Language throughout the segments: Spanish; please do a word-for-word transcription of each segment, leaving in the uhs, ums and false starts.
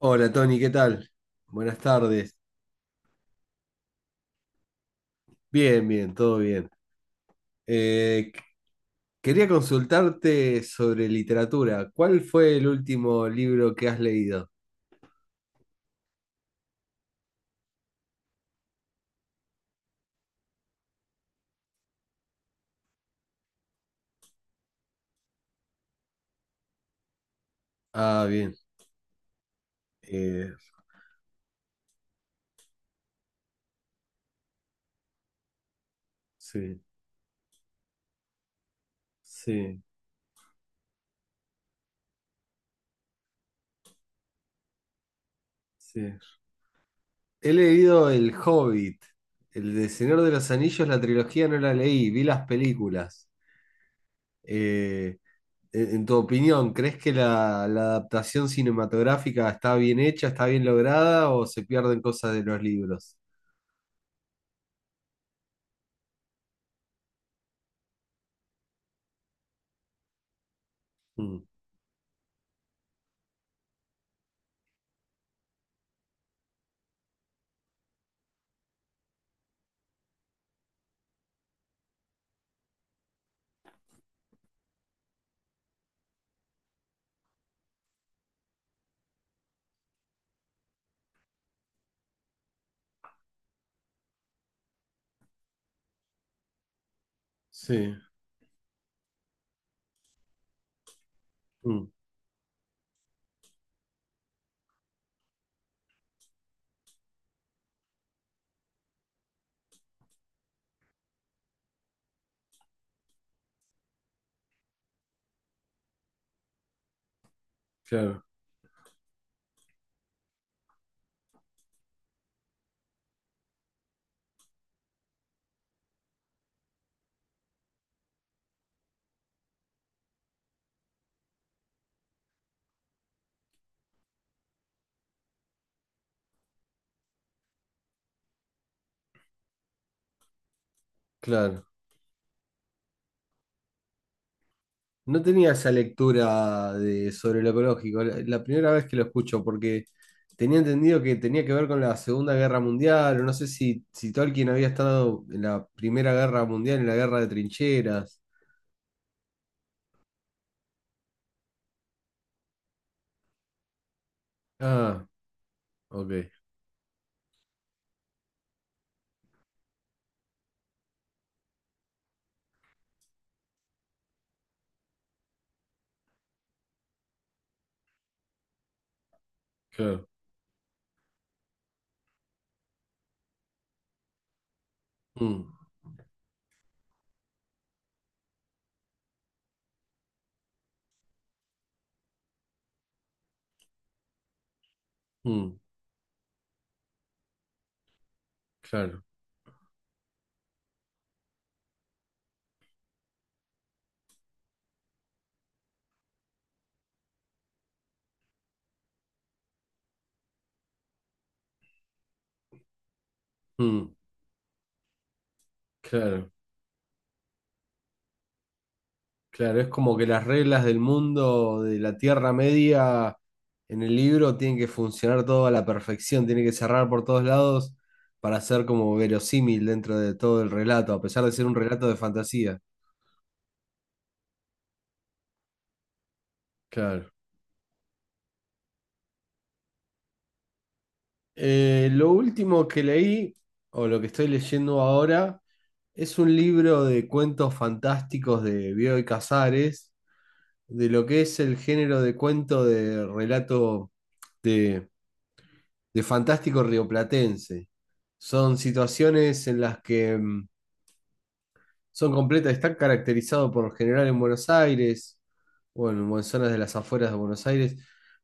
Hola Tony, ¿qué tal? Buenas tardes. Bien, bien, todo bien. Eh, qu- quería consultarte sobre literatura. ¿Cuál fue el último libro que has leído? Ah, bien. Eh, sí, sí, sí. He leído El Hobbit, el de Señor de los Anillos, la trilogía no la leí, vi las películas. Eh, en, en tu opinión, ¿crees que la, la adaptación cinematográfica está bien hecha, está bien lograda o se pierden cosas de los libros? Mm, sí, mm, claro, claro. No tenía esa lectura de, sobre lo ecológico, la, la primera vez que lo escucho, porque tenía entendido que tenía que ver con la Segunda Guerra Mundial, o no sé si, si Tolkien había estado en la Primera Guerra Mundial, en la Guerra de Trincheras. Ah, ok, claro. Mm, mm, claro, mm, claro. Claro, es como que las reglas del mundo de la Tierra Media en el libro tienen que funcionar todo a la perfección, tiene que cerrar por todos lados para ser como verosímil dentro de todo el relato, a pesar de ser un relato de fantasía. Claro. Eh, lo último que leí, o lo que estoy leyendo ahora, es un libro de cuentos fantásticos de Bioy Casares, de lo que es el género de cuento de relato de de fantástico rioplatense. Son situaciones en las que mm, son completas, están caracterizados por lo general en Buenos Aires, bueno, en zonas de las afueras de Buenos Aires,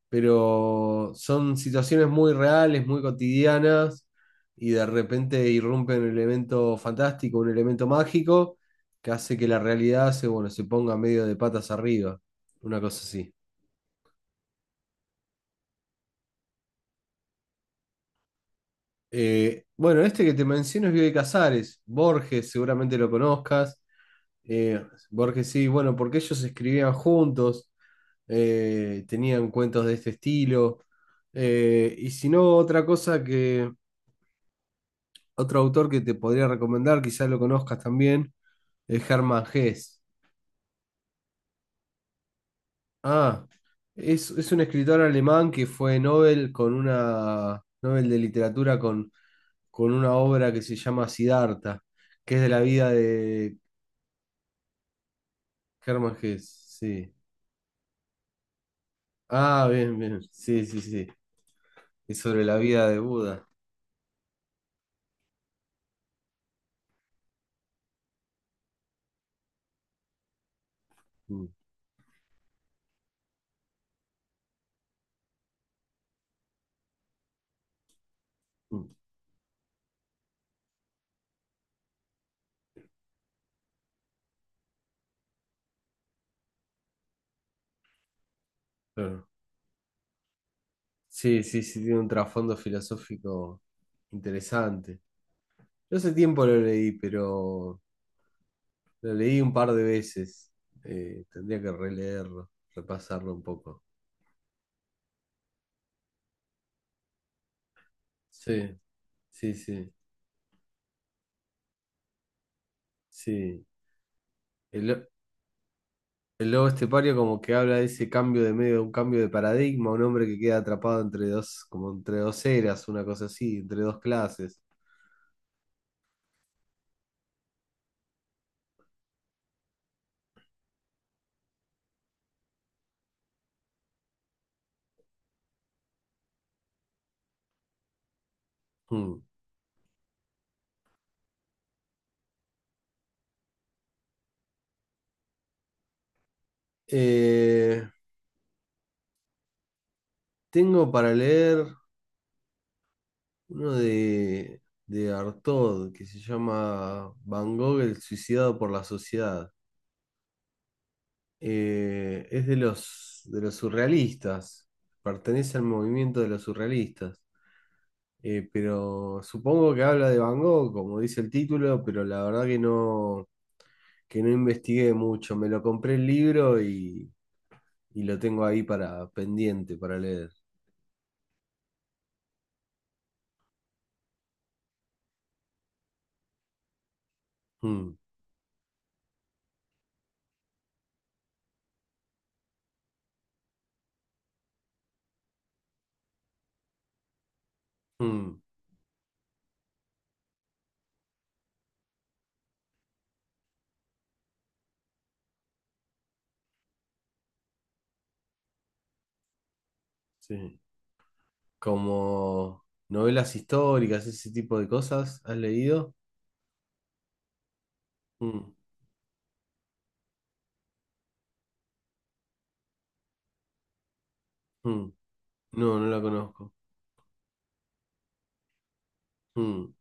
pero son situaciones muy reales, muy cotidianas, y de repente irrumpe un elemento fantástico, un elemento mágico, que hace que la realidad se, bueno, se ponga medio de patas arriba, una cosa así. Eh, bueno, este que te menciono es Bioy Casares. Borges, seguramente lo conozcas. Eh, Borges sí, bueno, porque ellos escribían juntos, eh, tenían cuentos de este estilo. Eh, y si no, otra cosa que, otro autor que te podría recomendar, quizás lo conozcas también, es Hermann Hesse. Ah, es, es un escritor alemán que fue Nobel con una Nobel de literatura con, con una obra que se llama Siddhartha, que es de la vida de Hermann Hesse, sí. Ah, bien, bien. Sí, sí, sí. Es sobre la vida de Buda. Mm, mm, claro. Sí, sí, sí, tiene un trasfondo filosófico interesante. Yo hace tiempo lo leí, pero lo leí un par de veces. Eh, tendría que releerlo, repasarlo un poco. Sí, sí, sí, sí. El, lo- el lobo estepario, como que habla de ese cambio de medio, un cambio de paradigma, un hombre que queda atrapado entre dos, como entre dos eras, una cosa así, entre dos clases. Mm. Eh, tengo para leer uno de, de Artaud que se llama Van Gogh, el suicidado por la sociedad. Eh, es de los, de los surrealistas, pertenece al movimiento de los surrealistas. Eh, pero supongo que habla de Van Gogh, como dice el título, pero la verdad que no, que no investigué mucho. Me lo compré el libro y, y lo tengo ahí para pendiente, para leer. Mm, mm, sí. Como novelas históricas, ese tipo de cosas, ¿has leído? Mm, mm. No, no la conozco. Mm,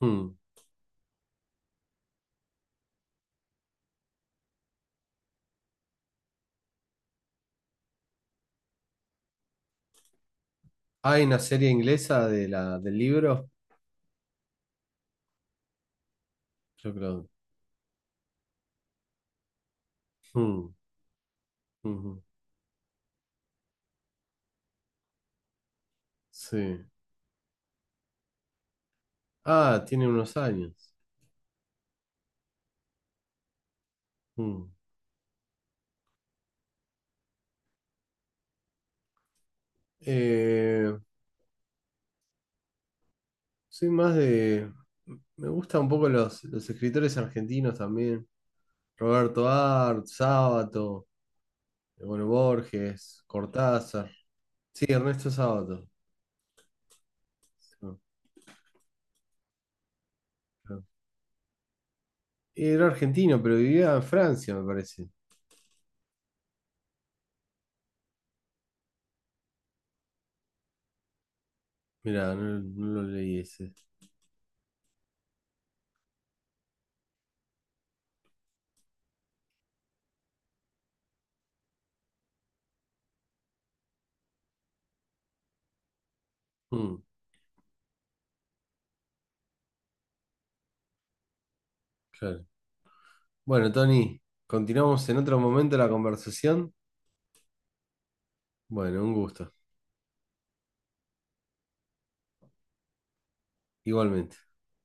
mm. Hay una serie inglesa de la, del libro, yo creo. Mm, mhm. Sí. Ah, tiene unos años. Mm. Eh, soy más de. Me gustan un poco los, los escritores argentinos también. Roberto Art, Sábato, eh, bueno, Borges, Cortázar. Sí, Ernesto Sábato. Sí, no, claro. Era argentino, pero vivía en Francia, me parece. Mirá, no, no lo leí ese. Mm, claro. Bueno, Tony, continuamos en otro momento la conversación. Bueno, un gusto. Igualmente.